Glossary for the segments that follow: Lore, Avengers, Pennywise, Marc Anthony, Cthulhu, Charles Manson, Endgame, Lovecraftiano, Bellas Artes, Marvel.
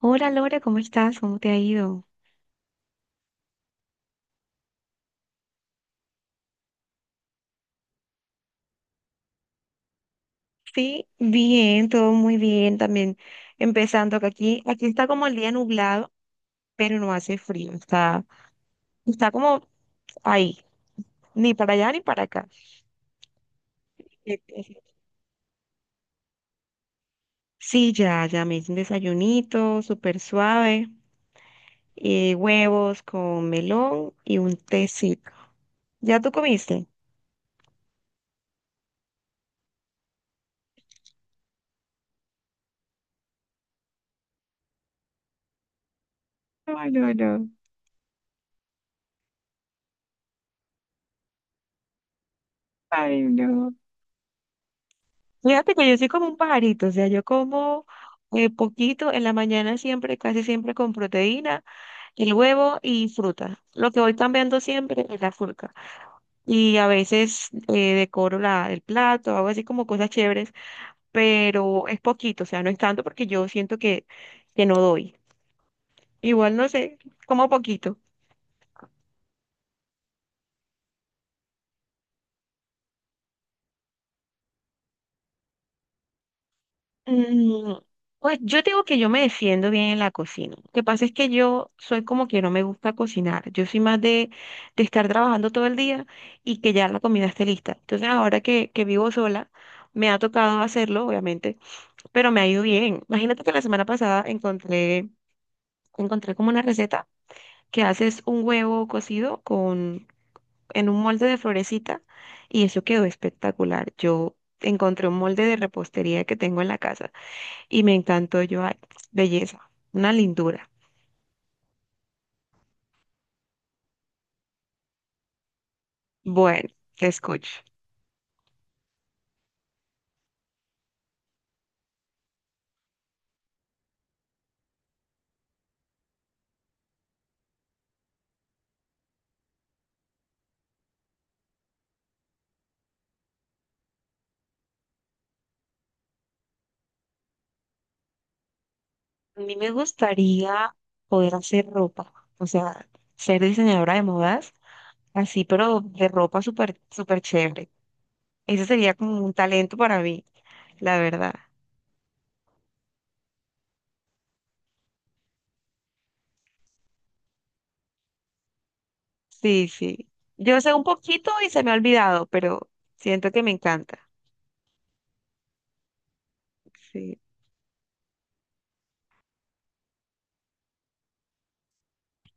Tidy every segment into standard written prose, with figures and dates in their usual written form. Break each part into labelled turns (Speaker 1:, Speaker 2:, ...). Speaker 1: Hola Lore, ¿cómo estás? ¿Cómo te ha ido? Sí, bien, todo muy bien también. Empezando que aquí está como el día nublado, pero no hace frío, está como ahí, ni para allá ni para acá. Eh, eh, Sí, ya me hice un desayunito súper suave, huevos con melón y un tecito. ¿Ya tú comiste? Ay, no, no. Ay, no. Fíjate que yo soy como un pajarito, o sea, yo como poquito en la mañana siempre, casi siempre con proteína. El huevo y fruta. Lo que voy cambiando siempre es la fruta. Y a veces decoro el plato, hago así como cosas chéveres, pero es poquito, o sea, no es tanto porque yo siento que no doy. Igual no sé, como poquito. Mm. Pues yo digo que yo me defiendo bien en la cocina. Lo que pasa es que yo soy como que no me gusta cocinar. Yo soy más de estar trabajando todo el día y que ya la comida esté lista. Entonces ahora que vivo sola, me ha tocado hacerlo, obviamente, pero me ha ido bien. Imagínate que la semana pasada encontré como una receta que haces un huevo cocido con, en un molde de florecita y eso quedó espectacular. Yo encontré un molde de repostería que tengo en la casa y me encantó. Yo, ay, belleza, una lindura. Bueno, te escucho. A mí me gustaría poder hacer ropa, o sea, ser diseñadora de modas, así, pero de ropa súper, súper chévere. Ese sería como un talento para mí, la verdad. Sí, sí. Yo sé un poquito y se me ha olvidado, pero siento que me encanta. Sí,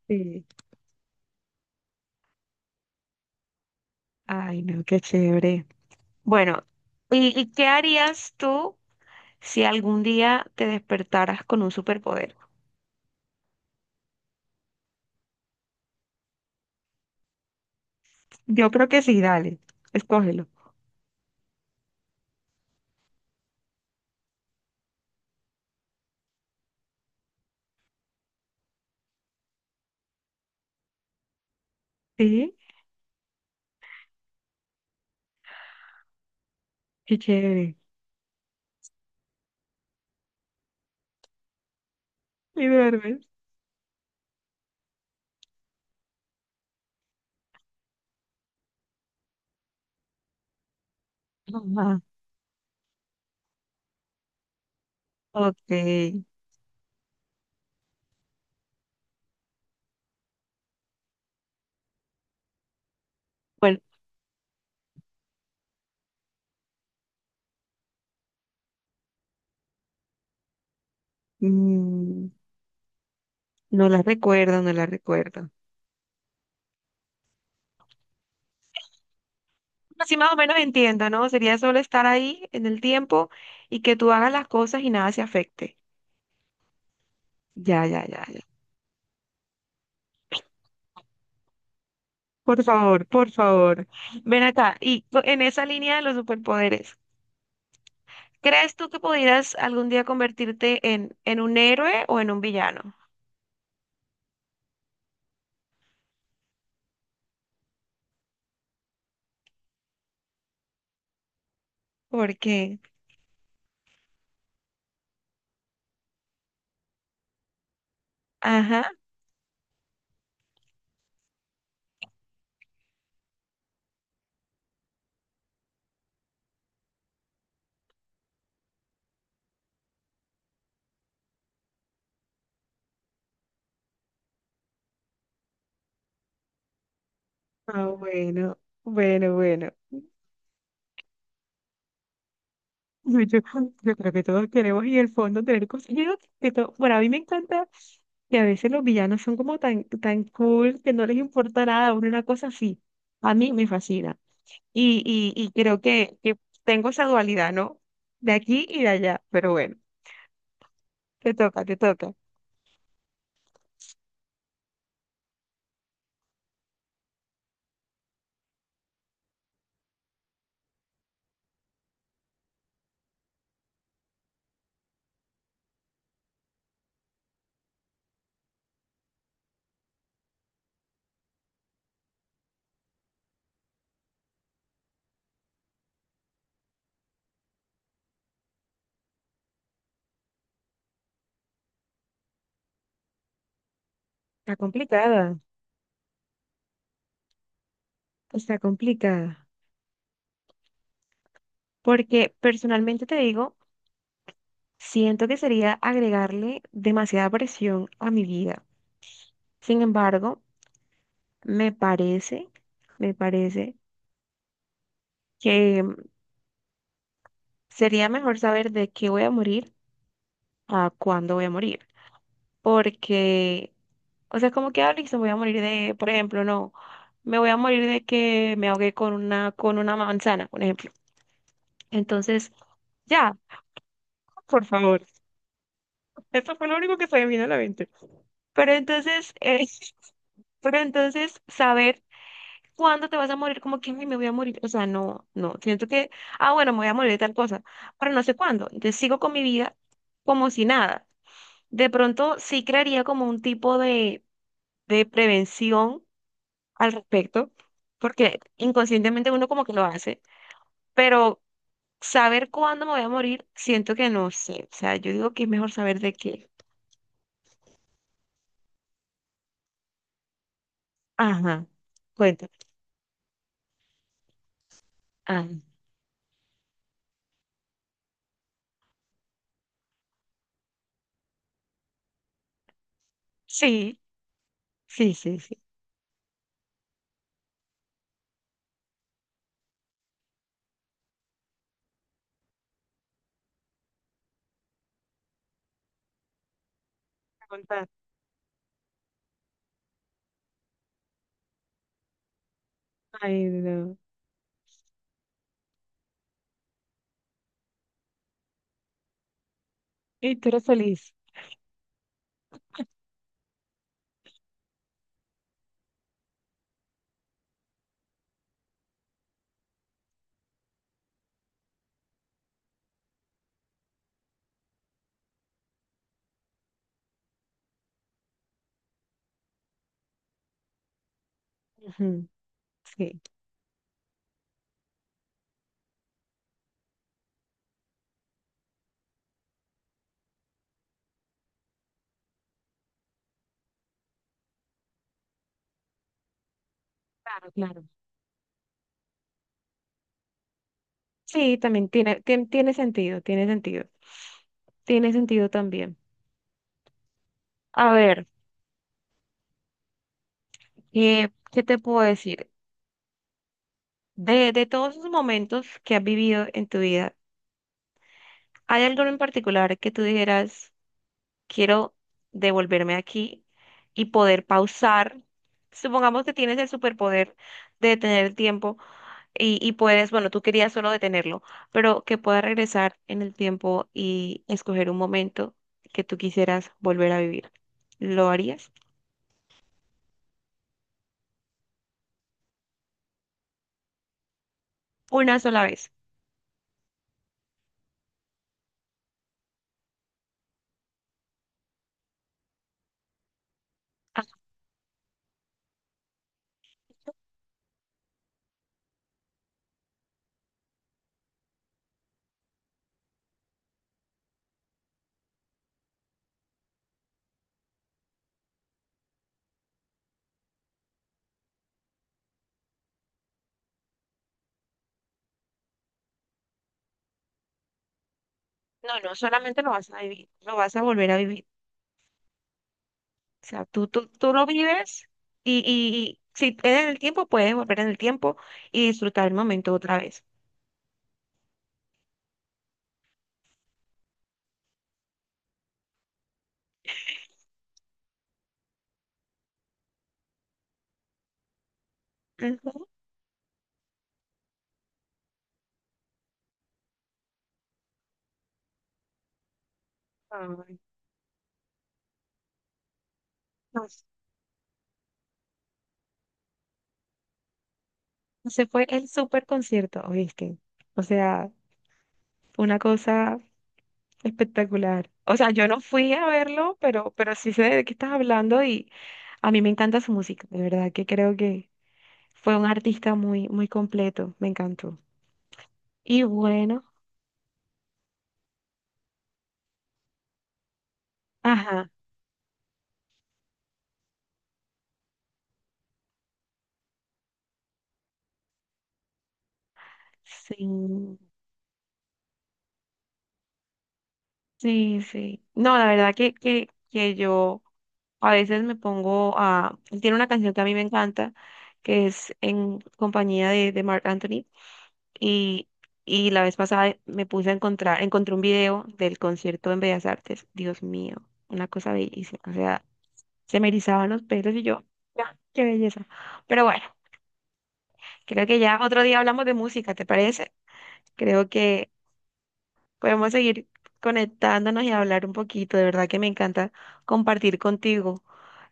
Speaker 1: sí. Ay, no, qué chévere. Bueno, y qué harías tú si algún día te despertaras con un superpoder? Yo creo que sí, dale, escógelo. Sí, qué chévere. Y duermes. Ajá. Ok. Bueno, mm, no la recuerdo, no la recuerdo. Así más o menos entiendo, ¿no? Sería solo estar ahí en el tiempo y que tú hagas las cosas y nada se afecte. Ya, ya, ya, ya. Por favor, por favor. Ven acá. Y co- en esa línea de los superpoderes, ¿crees tú que pudieras algún día convertirte en un héroe o en un villano? ¿Por qué? Ajá. Ah, bueno, bueno, bueno. Yo, yo- yo creo que todos queremos en el fondo tener consejeros. Que todo, bueno, a mí me encanta que a veces los villanos son como tan, tan cool que no les importa nada, uno una cosa así. A mí me fascina. Y creo que tengo esa dualidad, ¿no? De aquí y de allá. Pero bueno, te toca, te toca. Está complicada, está complicada. Porque personalmente te digo, siento que sería agregarle demasiada presión a mi vida. Sin embargo, me parece... Me parece que sería mejor saber de qué voy a morir a cuándo voy a morir. Porque, o sea, como que, ah, listo, voy a morir de, por ejemplo, no, me voy a morir de que me ahogué con una manzana, por ejemplo. Entonces, ya, por favor. Esto fue lo único que se me vino a la mente. Pero entonces, pero entonces, saber cuándo te vas a morir, como que "Ay, me voy a morir. O sea, no, no. Siento que, ah, bueno, me voy a morir de tal cosa, pero no sé cuándo. Entonces sigo con mi vida como si nada. De pronto sí crearía como un tipo de prevención al respecto, porque inconscientemente uno como que lo hace, pero saber cuándo me voy a morir, siento que no sé. O sea, yo digo que es mejor saber de qué. Ajá, cuéntame. Ah, sí, sí, sí, sí. Contar. Ay, no. Y tú eres feliz. Ujú. Sí, claro, claro. Sí, también tiene sentido, tiene sentido. Tiene sentido también. A ver, ¿qué, qué te puedo decir? De todos esos momentos que has vivido en tu vida, ¿hay algo en particular que tú dijeras, quiero devolverme aquí y poder pausar? Supongamos que tienes el superpoder de detener el tiempo y puedes, bueno, tú querías solo detenerlo, pero que puedas regresar en el tiempo y escoger un momento que tú quisieras volver a vivir. ¿Lo harías? Una sola vez. Ah, no, no, solamente lo vas a vivir, lo vas a volver a vivir. O sea, tú lo vives y si eres en el tiempo, puedes volver en el tiempo y disfrutar el momento otra vez. Ujú. Ay, no, se fue el super concierto, ¿viste? O sea, una cosa espectacular. O sea, yo no fui a verlo, pero sí sé de qué estás hablando y a mí me encanta su música, de verdad que creo que fue un artista muy, muy completo, me encantó. Y bueno, ajá, sí. Sí, sí. No, la verdad que yo a veces me pongo a... Él tiene una canción que a mí me encanta, que es en compañía de Marc Anthony. Y, y la vez pasada me puse a encontré un video del concierto en Bellas Artes. Dios mío, una cosa bellísima. O sea, se me erizaban los pelos y yo, ya, qué belleza. Pero bueno, creo que ya otro día hablamos de música, ¿te parece? Creo que... Podemos seguir conectándonos y hablar un poquito. De verdad que me encanta compartir contigo.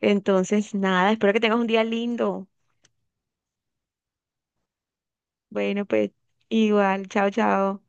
Speaker 1: Entonces, nada, espero que tengas un día lindo. Bueno, pues igual, chao, chao.